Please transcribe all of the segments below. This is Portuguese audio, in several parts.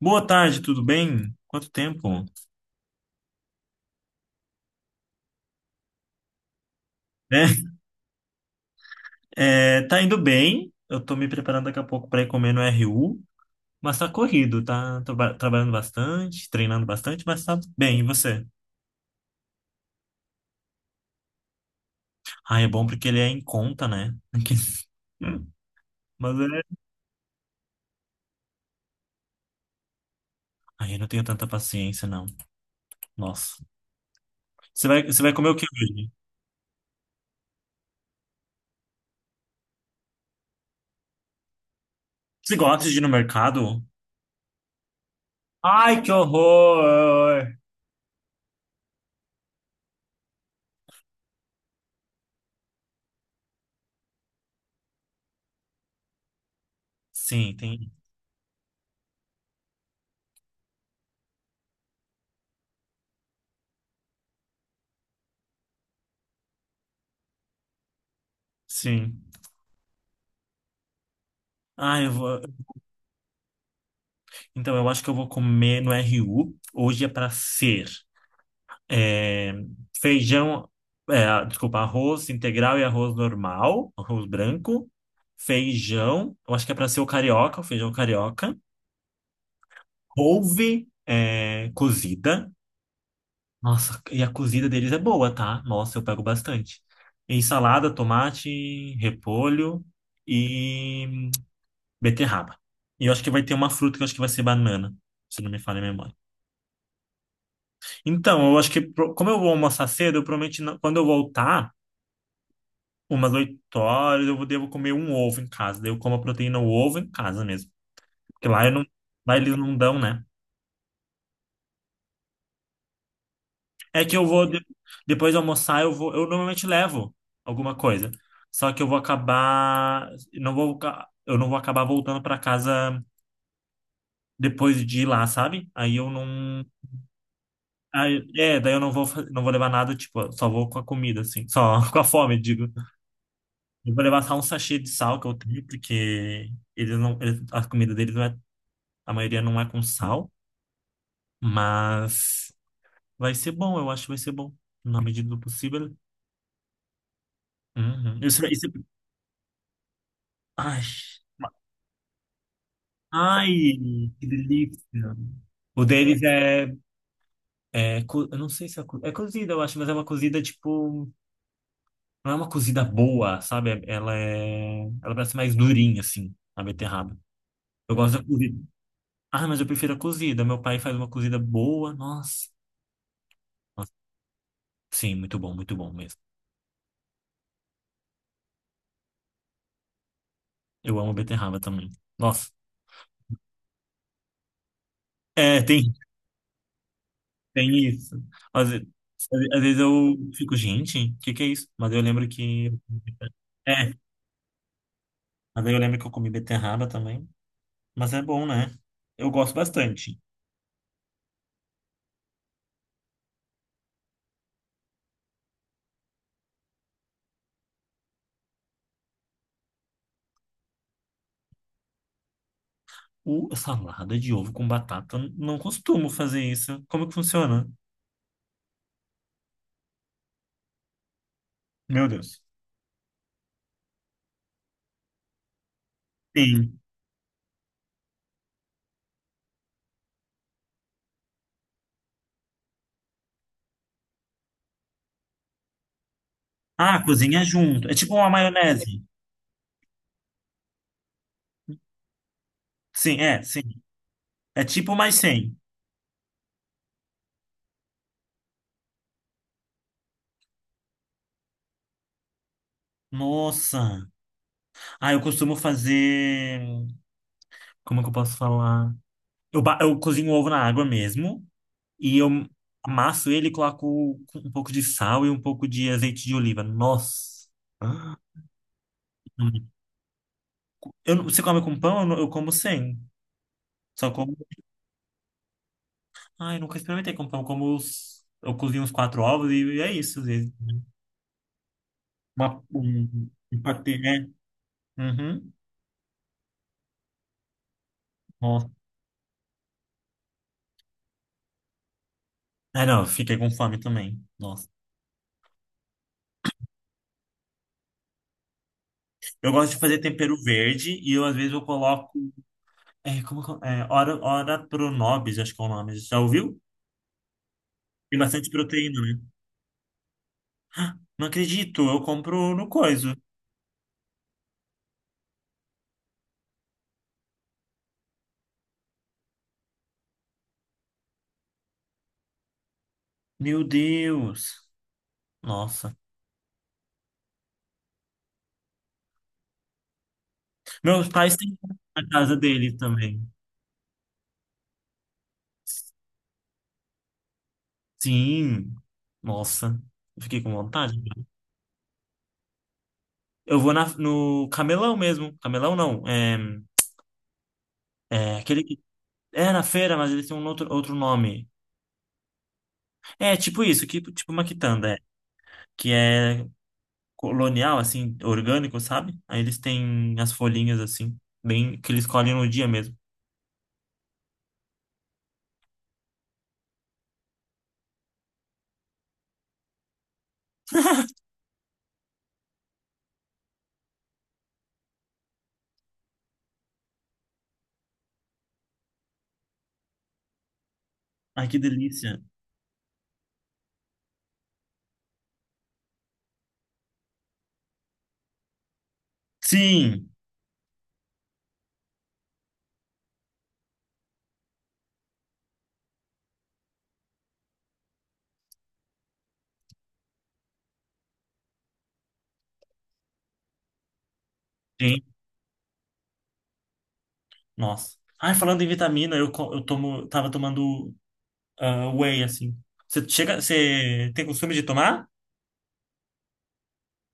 Boa tarde, tudo bem? Quanto tempo? Né? É, tá indo bem. Eu tô me preparando daqui a pouco para ir comer no RU, mas tá corrido, tá? Tô trabalhando bastante, treinando bastante, mas tá bem. E você? Ah, é bom porque ele é em conta, né? Mas é. Ai, eu não tenho tanta paciência, não. Nossa. Você vai comer o que hoje? Você gosta de ir no mercado? Ai, que horror! Sim, tem. Sim. Ah, eu vou. Então, eu acho que eu vou comer no RU. Hoje é pra ser. É, feijão, é, desculpa, arroz integral e arroz normal, arroz branco, feijão, eu acho que é para ser o carioca, o feijão carioca, couve é, cozida, nossa, e a cozida deles é boa, tá? Nossa, eu pego bastante. E salada, tomate, repolho e beterraba. E eu acho que vai ter uma fruta que eu acho que vai ser banana, se não me falha a memória. Então, eu acho que, como eu vou almoçar cedo, eu prometi, quando eu voltar, umas 8h, devo comer um ovo em casa. Daí eu como a proteína, o ovo em casa mesmo. Porque lá eu não, lá eles não dão, né? É que eu depois de almoçar, eu normalmente levo alguma coisa. Só que eu vou acabar, não vou, eu não vou acabar voltando para casa depois de ir lá, sabe? Aí eu não. Aí, é, daí eu não vou, não vou levar nada, tipo, só vou com a comida, assim, só com a fome, digo. Eu vou levar só um sachê de sal que eu tenho, porque eles não, a comida deles não é a maioria não é com sal. Mas vai ser bom, eu acho que vai ser bom. Na medida do possível. Uhum. Isso, é, ai, ai, que delícia. O deles é, eu não sei se é cozida, eu acho, mas é uma cozida tipo, não é uma cozida boa, sabe? Ela parece mais durinha assim, a beterraba. Eu gosto da cozida. Ah, mas eu prefiro a cozida. Meu pai faz uma cozida boa, nossa. Nossa, sim, muito bom mesmo. Eu amo beterraba também. Nossa. É, tem Tem isso. Às vezes, às vezes, eu fico, gente, o que que é isso? Mas eu lembro que. É, mas aí eu lembro que eu comi beterraba também. Mas é bom, né? Eu gosto bastante. O salada de ovo com batata, eu não costumo fazer isso. Como que funciona? Meu Deus. Sim. Ah, cozinha junto. É tipo uma maionese. Sim. É tipo mais sem. Nossa. Ah, eu costumo fazer. Como é que eu posso falar? Eu cozinho ovo na água mesmo. E eu amasso ele e coloco um pouco de sal e um pouco de azeite de oliva. Nossa! Ah, Eu, não- você come com pão? Eu como sem. Só como. Ai, nunca experimentei com pão. Como os, eu cozinho uns quatro ovos e é isso. às vezes. Um patê, né? Uhum. Nossa. Ah, não, eu fiquei com fome também. Nossa. Eu gosto de fazer tempero verde e eu, às vezes, eu coloco. É, como, é, ora pronobis, acho que é o nome. Já ouviu? Tem bastante proteína, né? Não acredito, eu compro no coisa. Meu Deus. Nossa. Meus pais têm na casa dele também. Sim. Nossa. Eu fiquei com vontade. Eu vou no camelão mesmo. Camelão não. É aquele que. É na feira, mas ele tem um outro nome. É tipo isso, que, tipo uma quitanda, é. Que é colonial, assim, orgânico, sabe? Aí eles têm as folhinhas assim, bem que eles colhem no dia mesmo. Ai, que delícia. Sim. Sim. Nossa. Ai, falando em vitamina, eu tomo, tava tomando whey, assim. Você chega, você tem costume de tomar?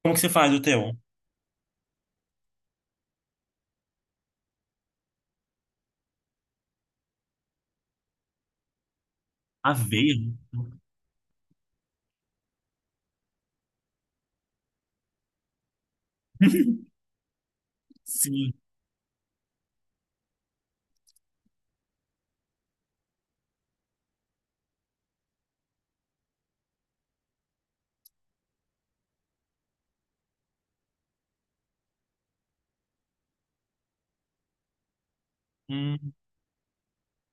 Como que você faz o teu? Aveia? Sim. Hum,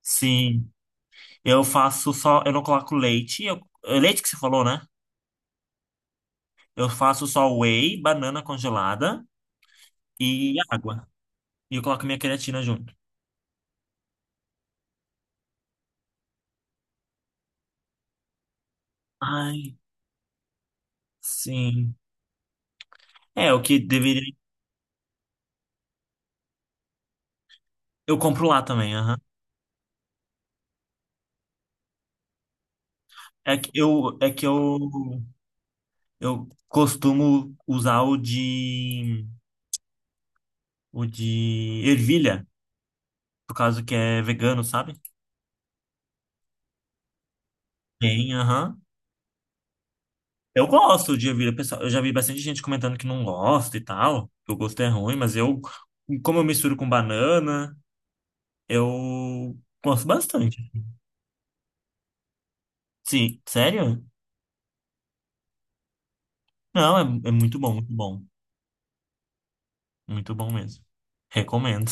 sim. Eu faço só, eu não coloco leite. É leite que você falou, né? Eu faço só whey, banana congelada e água. E eu coloco minha creatina junto. Ai, sim. É, o que deveria. Eu compro lá também, aham. É que eu costumo usar o de ervilha, por causa que é vegano, sabe? Tem, aham. Eu gosto de ervilha, pessoal. Eu já vi bastante gente comentando que não gosta e tal, que o gosto é ruim, mas eu, como eu misturo com banana, eu gosto bastante. Sim, sério? Não, é muito bom, muito bom. Muito bom mesmo. Recomendo.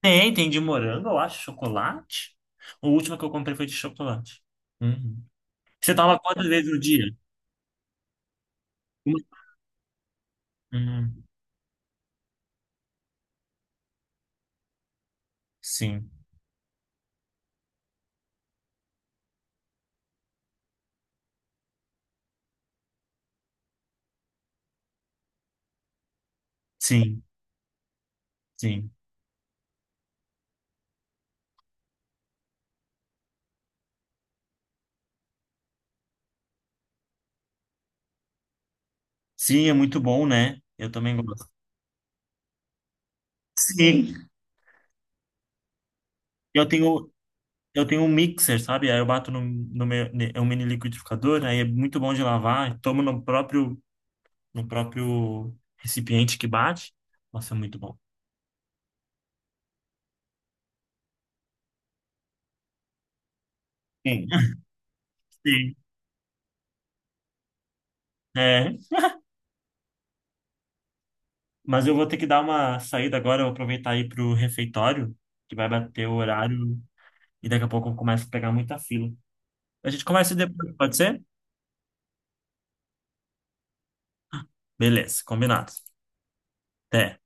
Tem de morango, eu acho, chocolate. O último que eu comprei foi de chocolate. Uhum. Você toma quantas vezes no dia? Hum, sim, sim, sim. Sim, é muito bom, né? Eu também gosto. Sim. Eu tenho, eu tenho um mixer, sabe? Aí eu bato no meu, é um mini liquidificador, aí é muito bom de lavar, tomo no próprio recipiente que bate. Nossa, é muito bom. Sim. Sim. É, mas eu vou ter que dar uma saída agora, eu vou aproveitar aí pro refeitório, que vai bater o horário e daqui a pouco eu começo a pegar muita fila. A gente começa depois, pode ser? Beleza, combinado. Até.